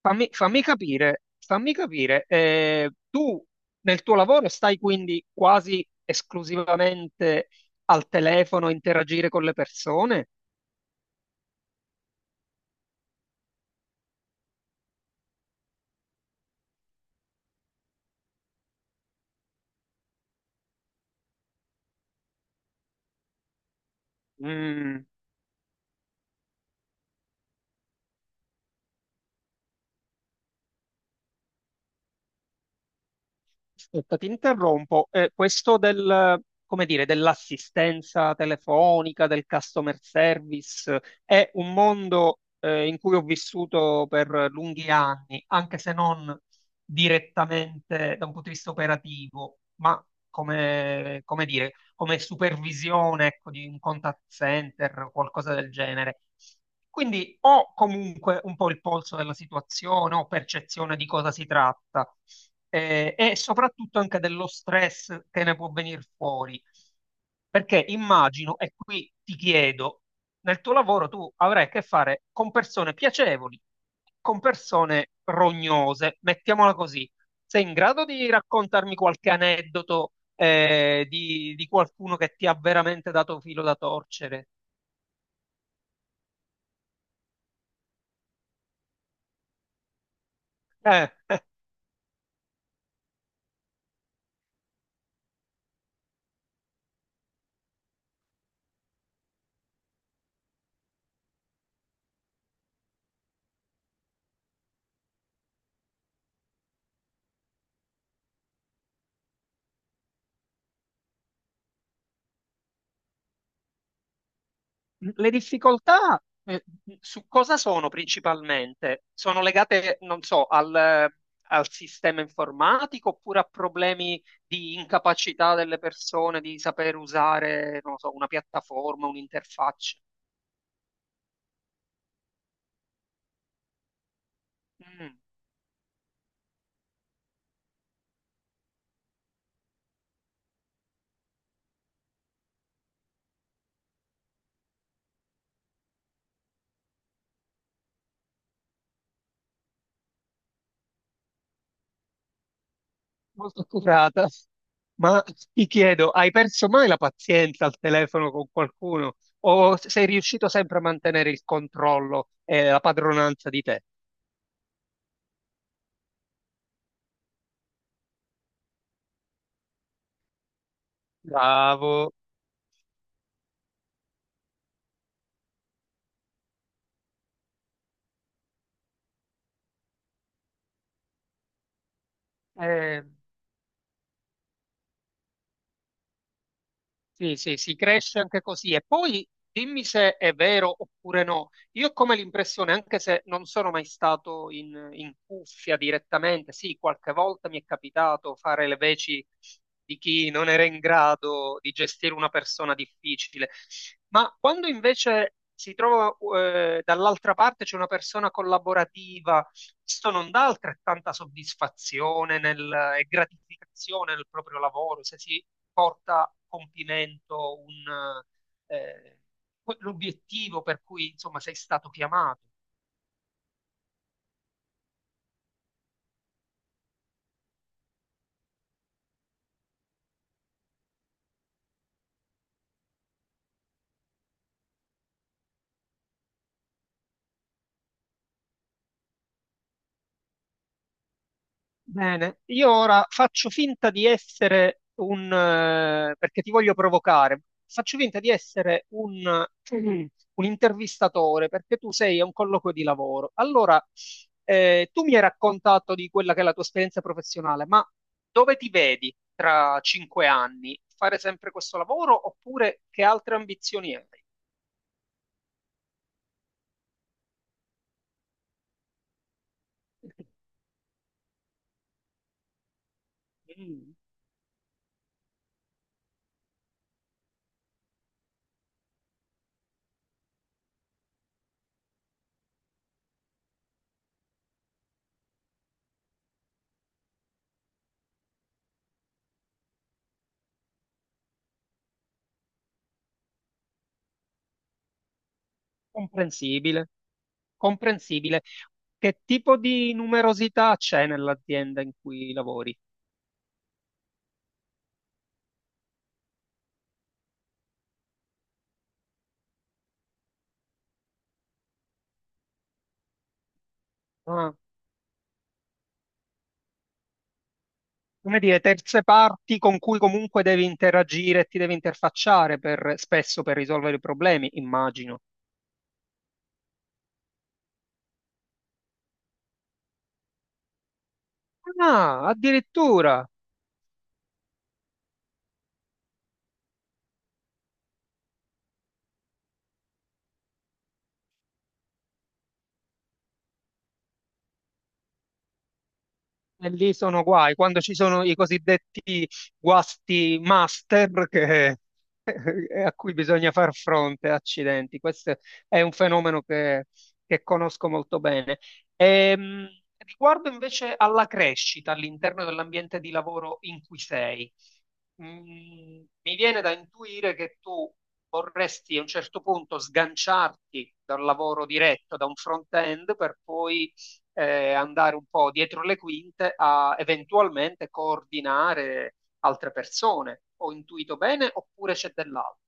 Fammi capire, tu nel tuo lavoro stai quindi quasi esclusivamente al telefono a interagire con le persone? Mm, Aspetta, ti interrompo. Questo del, come dire, dell'assistenza telefonica, del customer service, è un mondo, in cui ho vissuto per lunghi anni, anche se non direttamente da un punto di vista operativo. Ma come dire, come supervisione, ecco, di un contact center o qualcosa del genere. Quindi ho comunque un po' il polso della situazione, ho percezione di cosa si tratta e soprattutto anche dello stress che ne può venire fuori. Perché immagino, e qui ti chiedo, nel tuo lavoro tu avrai a che fare con persone piacevoli, con persone rognose, mettiamola così. Sei in grado di raccontarmi qualche aneddoto di qualcuno che ti ha veramente dato filo da torcere? Eh. Le difficoltà su cosa sono principalmente? Sono legate, non so, al sistema informatico oppure a problemi di incapacità delle persone di saper usare, non so, una piattaforma, un'interfaccia? Mm, Molto accurata. Ma ti chiedo, hai perso mai la pazienza al telefono con qualcuno o sei riuscito sempre a mantenere il controllo e la padronanza di te? Bravo. Eh, Sì, sì, si cresce anche così. E poi dimmi se è vero oppure no. Io ho come l'impressione, anche se non sono mai stato in cuffia direttamente, sì, qualche volta mi è capitato fare le veci di chi non era in grado di gestire una persona difficile, ma quando invece si trova dall'altra parte c'è una persona collaborativa, questo non dà altrettanta soddisfazione e gratificazione nel proprio lavoro, se si porta a compimento eh, l'obiettivo per cui insomma sei stato chiamato. Bene, io ora faccio finta di essere perché ti voglio provocare, faccio finta di essere un intervistatore perché tu sei a un colloquio di lavoro. Allora, tu mi hai raccontato di quella che è la tua esperienza professionale, ma dove ti vedi tra 5 anni? Fare sempre questo lavoro oppure che altre ambizioni hai? Mm, Comprensibile, comprensibile. Che tipo di numerosità c'è nell'azienda in cui lavori? Ah, come dire, terze parti con cui comunque devi interagire e ti devi interfacciare spesso per risolvere i problemi, immagino. Ah, addirittura. E lì sono guai, quando ci sono i cosiddetti guasti master a cui bisogna far fronte, accidenti. Questo è un fenomeno che conosco molto bene. Ehm, Riguardo invece alla crescita all'interno dell'ambiente di lavoro in cui sei, Mm, mi viene da intuire che tu vorresti a un certo punto sganciarti dal lavoro diretto, da un front-end, per poi andare un po' dietro le quinte a eventualmente coordinare altre persone. Ho intuito bene oppure c'è dell'altro?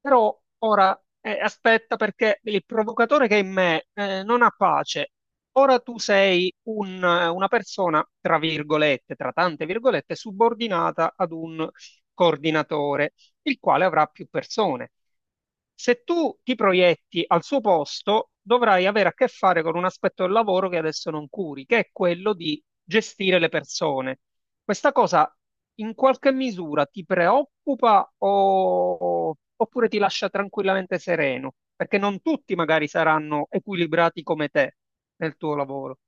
Però ora aspetta perché il provocatore che è in me non ha pace. Ora tu sei una persona, tra virgolette, tra tante virgolette, subordinata ad un coordinatore il quale avrà più persone. Se tu ti proietti al suo posto, dovrai avere a che fare con un aspetto del lavoro che adesso non curi, che è quello di gestire le persone. Questa cosa in qualche misura ti preoccupa oppure ti lascia tranquillamente sereno? Perché non tutti magari saranno equilibrati come te nel tuo lavoro.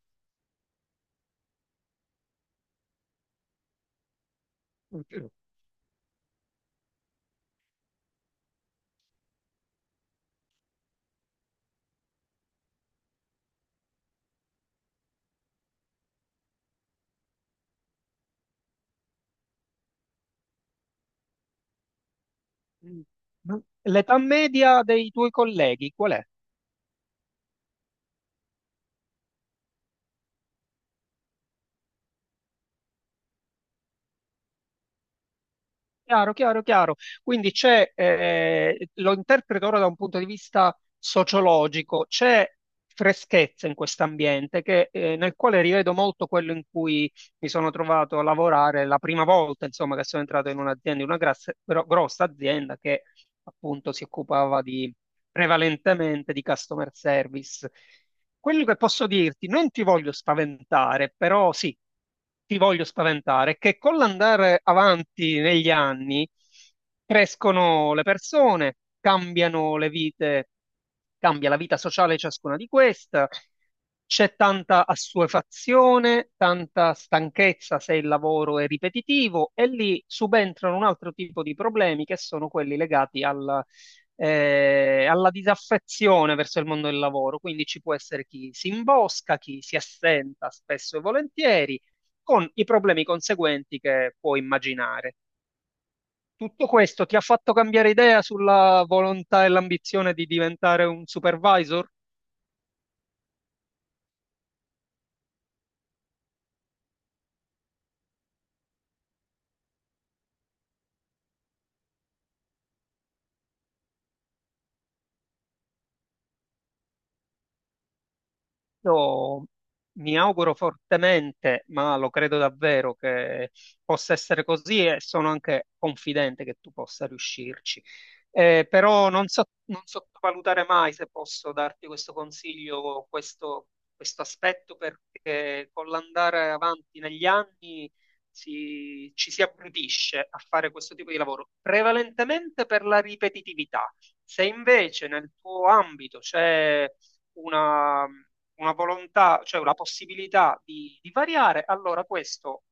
L'età media dei tuoi colleghi qual è? Chiaro, chiaro, chiaro. Quindi c'è, lo interpreto ora da un punto di vista sociologico, c'è freschezza in questo ambiente nel quale rivedo molto quello in cui mi sono trovato a lavorare la prima volta, insomma, che sono entrato in un'azienda, in una grossa azienda che appunto si occupava prevalentemente di customer service. Quello che posso dirti, non ti voglio spaventare, però sì, ti voglio spaventare, è che con l'andare avanti negli anni crescono le persone, cambiano le vite, cambia la vita sociale di ciascuna di queste, c'è tanta assuefazione, tanta stanchezza se il lavoro è ripetitivo e lì subentrano un altro tipo di problemi che sono quelli legati al alla disaffezione verso il mondo del lavoro. Quindi ci può essere chi si imbosca, chi si assenta spesso e volentieri, con i problemi conseguenti che può immaginare. Tutto questo ti ha fatto cambiare idea sulla volontà e l'ambizione di diventare un supervisor? Io mi auguro fortemente, ma lo credo davvero che possa essere così e sono anche confidente che tu possa riuscirci. Però non sottovalutare mai, se posso darti questo consiglio, questo aspetto, perché con l'andare avanti negli anni ci si abbrutisce a fare questo tipo di lavoro, prevalentemente per la ripetitività. Se invece nel tuo ambito c'è una volontà, cioè una possibilità di variare, allora questo